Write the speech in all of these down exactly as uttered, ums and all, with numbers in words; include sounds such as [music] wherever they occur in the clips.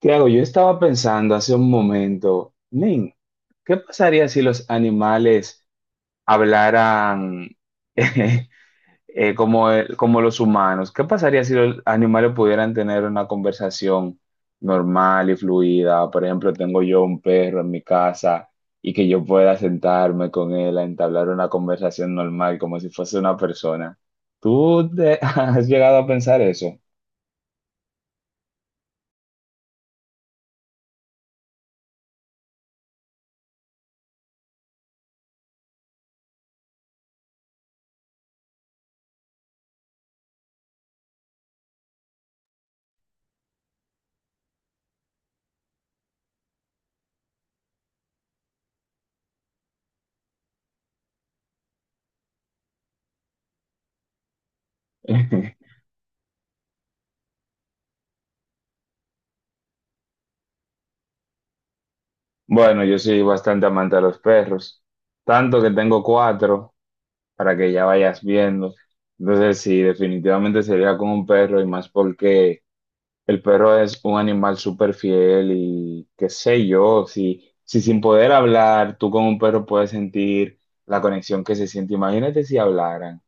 Tiago, yo estaba pensando hace un momento, men, ¿qué pasaría si los animales hablaran? [laughs] eh, eh, como, el- ¿Como los humanos? ¿Qué pasaría si los animales pudieran tener una conversación normal y fluida? Por ejemplo, tengo yo un perro en mi casa y que yo pueda sentarme con él a entablar una conversación normal como si fuese una persona. ¿Tú te- [laughs] has llegado a pensar eso? [laughs] Bueno, yo soy bastante amante de los perros, tanto que tengo cuatro para que ya vayas viendo. Entonces, sí, definitivamente sería con un perro, y más porque el perro es un animal súper fiel y qué sé yo. Si, si sin poder hablar, tú con un perro puedes sentir la conexión que se siente. Imagínate si hablaran, o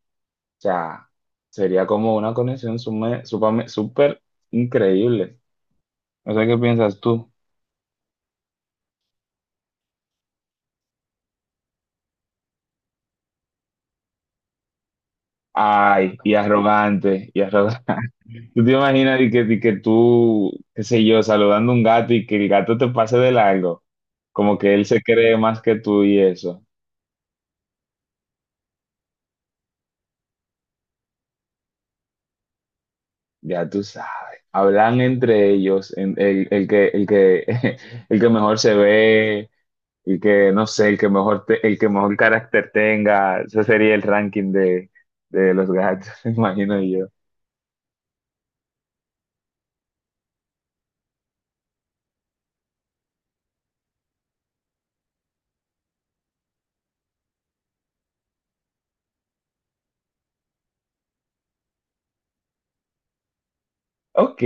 sea, sería como una conexión sume- supame- súper increíble. No sé qué piensas tú. Ay, y arrogante, y arrogante. ¿Tú te imaginas y que, y que tú, qué sé yo, saludando a un gato y que el gato te pase de largo? Como que él se cree más que tú y eso. Ya tú sabes. Hablan entre ellos, en- el, el que, el que, [laughs] el que mejor se ve, el que, no sé, el que mejor, te- el que mejor carácter tenga. Ese sería el ranking de, de los gatos, [laughs] me imagino yo. Ok,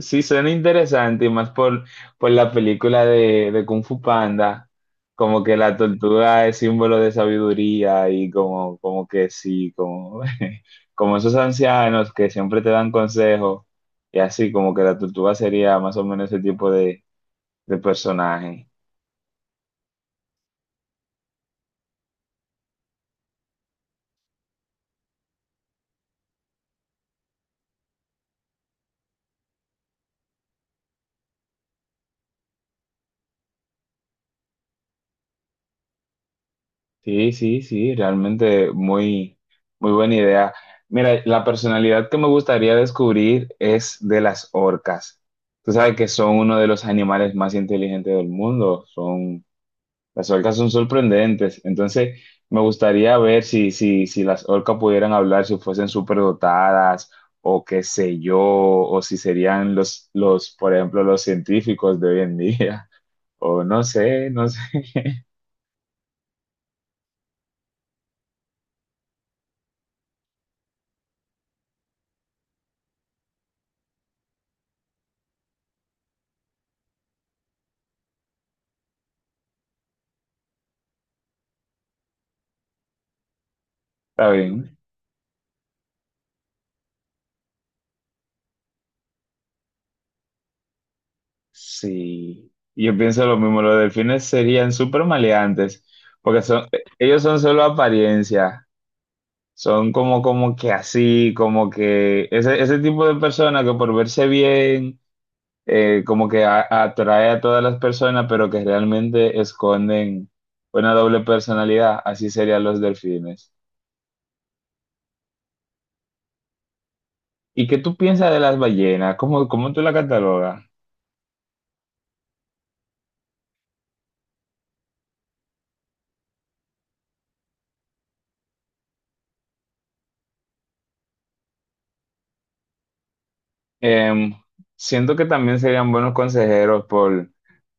sí suena interesante, y más por, por la película de, de Kung Fu Panda. Como que la tortuga es símbolo de sabiduría y como, como que sí, como, [laughs] como esos ancianos que siempre te dan consejos, y así como que la tortuga sería más o menos ese tipo de, de personaje. Sí, sí, sí, realmente muy, muy buena idea. Mira, la personalidad que me gustaría descubrir es de las orcas. Tú sabes que son uno de los animales más inteligentes del mundo. Son, las orcas son sorprendentes. Entonces, me gustaría ver si, si, si las orcas pudieran hablar, si fuesen superdotadas, o qué sé yo, o si serían los, los, por ejemplo, los científicos de hoy en día. [laughs] O no sé, no sé. [laughs] Está bien. Sí, yo pienso lo mismo, los delfines serían súper maleantes, porque son, e, ellos son solo apariencia, son como, como que así, como que ese, ese tipo de persona que por verse bien, eh, como que a- atrae a todas las personas, pero que realmente esconden una doble personalidad. Así serían los delfines. ¿Y qué tú piensas de las ballenas? ¿Cómo, cómo tú la catalogas? Em, Siento que también serían buenos consejeros por,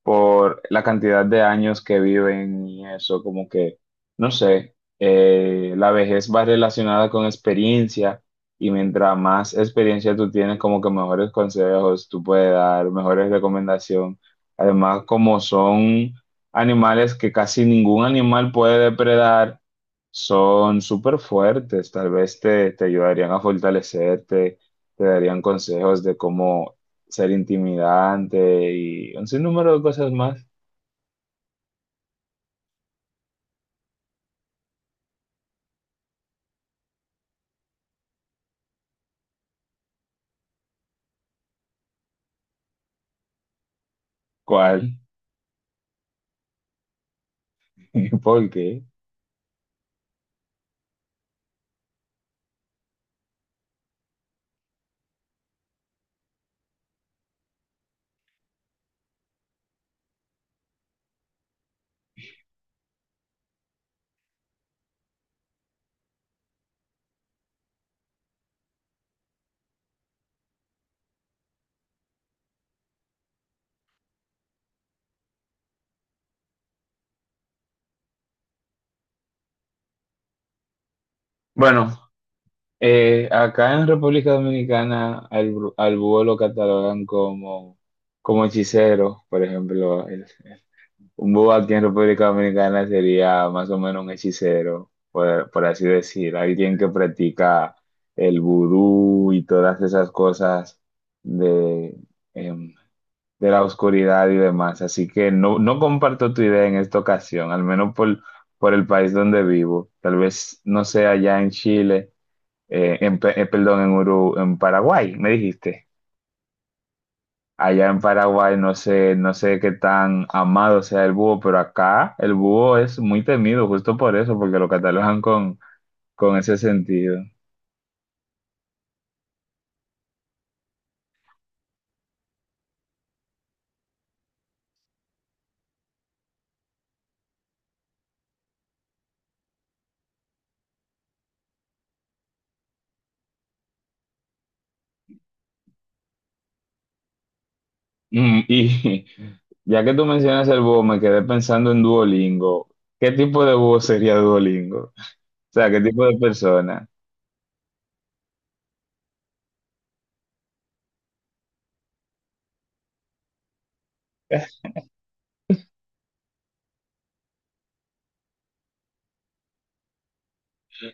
por la cantidad de años que viven y eso, como que, no sé, eh, la vejez va relacionada con experiencia, y mientras más experiencia tú tienes, como que mejores consejos tú puedes dar, mejores recomendaciones. Además, como son animales que casi ningún animal puede depredar, son súper fuertes. Tal vez te, te ayudarían a fortalecerte, te darían consejos de cómo ser intimidante y un sinnúmero de cosas más. ¿Cuál? [laughs] ¿Y por qué? Bueno, eh, acá en República Dominicana al, bru- al búho lo catalogan como, como hechicero, por ejemplo. El- el- un búho aquí en República Dominicana sería más o menos un hechicero, por, por así decir, alguien que practica el vudú y todas esas cosas de, em, de la oscuridad y demás. Así que no, no comparto tu idea en esta ocasión, al menos por, por el país donde vivo. Tal vez no sea allá en Chile, eh, en, pe- eh, perdón, en Uru- en Paraguay, me dijiste. Allá en Paraguay no sé, no sé qué tan amado sea el búho, pero acá el búho es muy temido, justo por eso, porque lo catalogan con, con ese sentido. Mm, y [laughs] ya que tú mencionas el búho, me quedé pensando en Duolingo. ¿Qué tipo de búho sería Duolingo? O sea, ¿qué tipo de persona?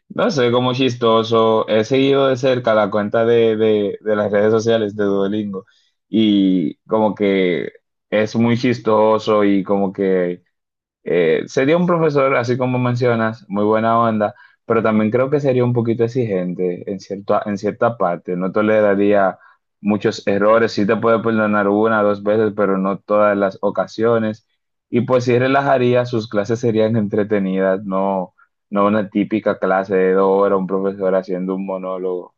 No sé, como chistoso. He seguido de cerca la cuenta de, de, de las redes sociales de Duolingo, y como que es muy chistoso, y como que Eh, sería un profesor, así como mencionas, muy buena onda, pero también creo que sería un poquito exigente en cierta, en cierta parte. No toleraría muchos errores, sí te puede perdonar una o dos veces, pero no todas las ocasiones. Y pues sí relajaría, sus clases serían entretenidas, no, no una típica clase de dos horas, un profesor haciendo un monólogo.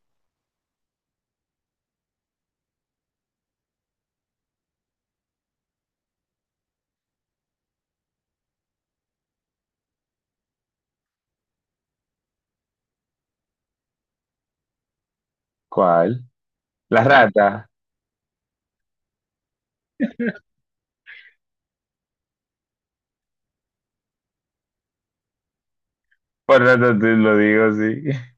¿Cuál? La rata. Por rata te lo digo, sí. [laughs]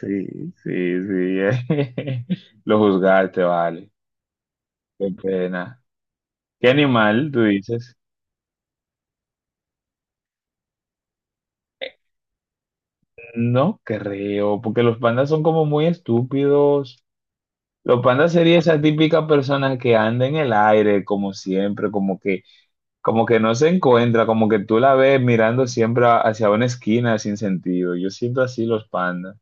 Sí, sí, sí. [laughs] Lo juzgaste, vale. Qué pena. ¿Qué animal tú dices? No creo, porque los pandas son como muy estúpidos. Los pandas sería esa típica persona que anda en el aire, como siempre, como que, como que no se encuentra, como que tú la ves mirando siempre a- hacia una esquina sin sentido. Yo siento así los pandas.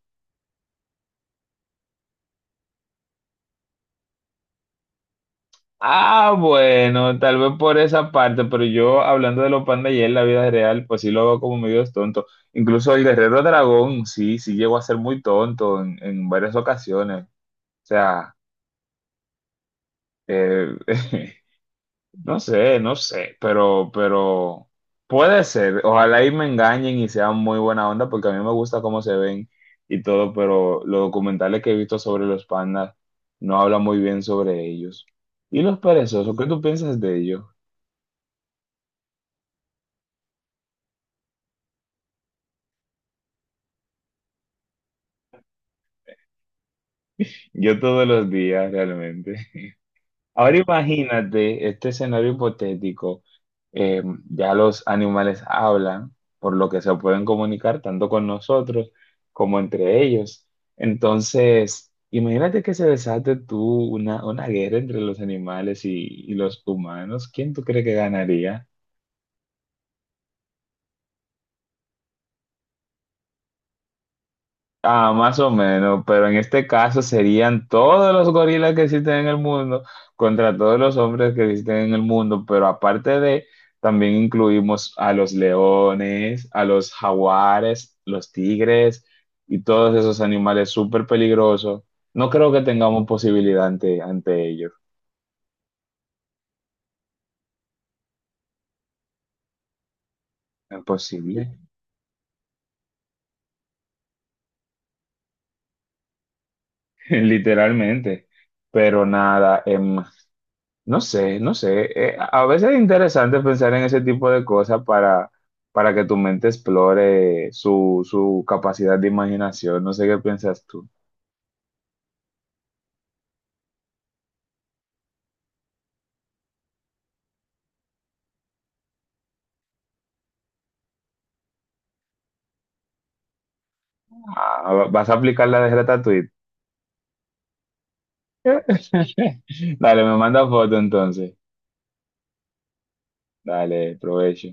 Ah, bueno, tal vez por esa parte, pero yo hablando de los pandas y en la vida real, pues sí lo hago como medio tonto. Incluso el guerrero dragón, sí, sí llegó a ser muy tonto en en varias ocasiones. Sea, eh, [laughs] no sé, no sé, pero, pero puede ser. Ojalá y me engañen y sean muy buena onda, porque a mí me gusta cómo se ven y todo, pero los documentales que he visto sobre los pandas no hablan muy bien sobre ellos. ¿Y los perezosos? ¿Qué tú piensas de ellos? Yo todos los días, realmente. Ahora imagínate este escenario hipotético. eh, ya los animales hablan, por lo que se pueden comunicar tanto con nosotros como entre ellos. Entonces, imagínate que se desate tú una, una guerra entre los animales y, y los humanos. ¿Quién tú crees que ganaría? Ah, más o menos, pero en este caso serían todos los gorilas que existen en el mundo contra todos los hombres que existen en el mundo, pero aparte de, también incluimos a los leones, a los jaguares, los tigres y todos esos animales súper peligrosos. No creo que tengamos posibilidad ante, ante ellos. Imposible, [laughs] literalmente. Pero nada, em, no sé, no sé. Eh, a veces es interesante pensar en ese tipo de cosas para, para que tu mente explore su, su capacidad de imaginación. No sé qué piensas tú. Ah, ¿vas a aplicar la de Ratatouille? [laughs] Dale, me manda foto entonces. Dale, provecho.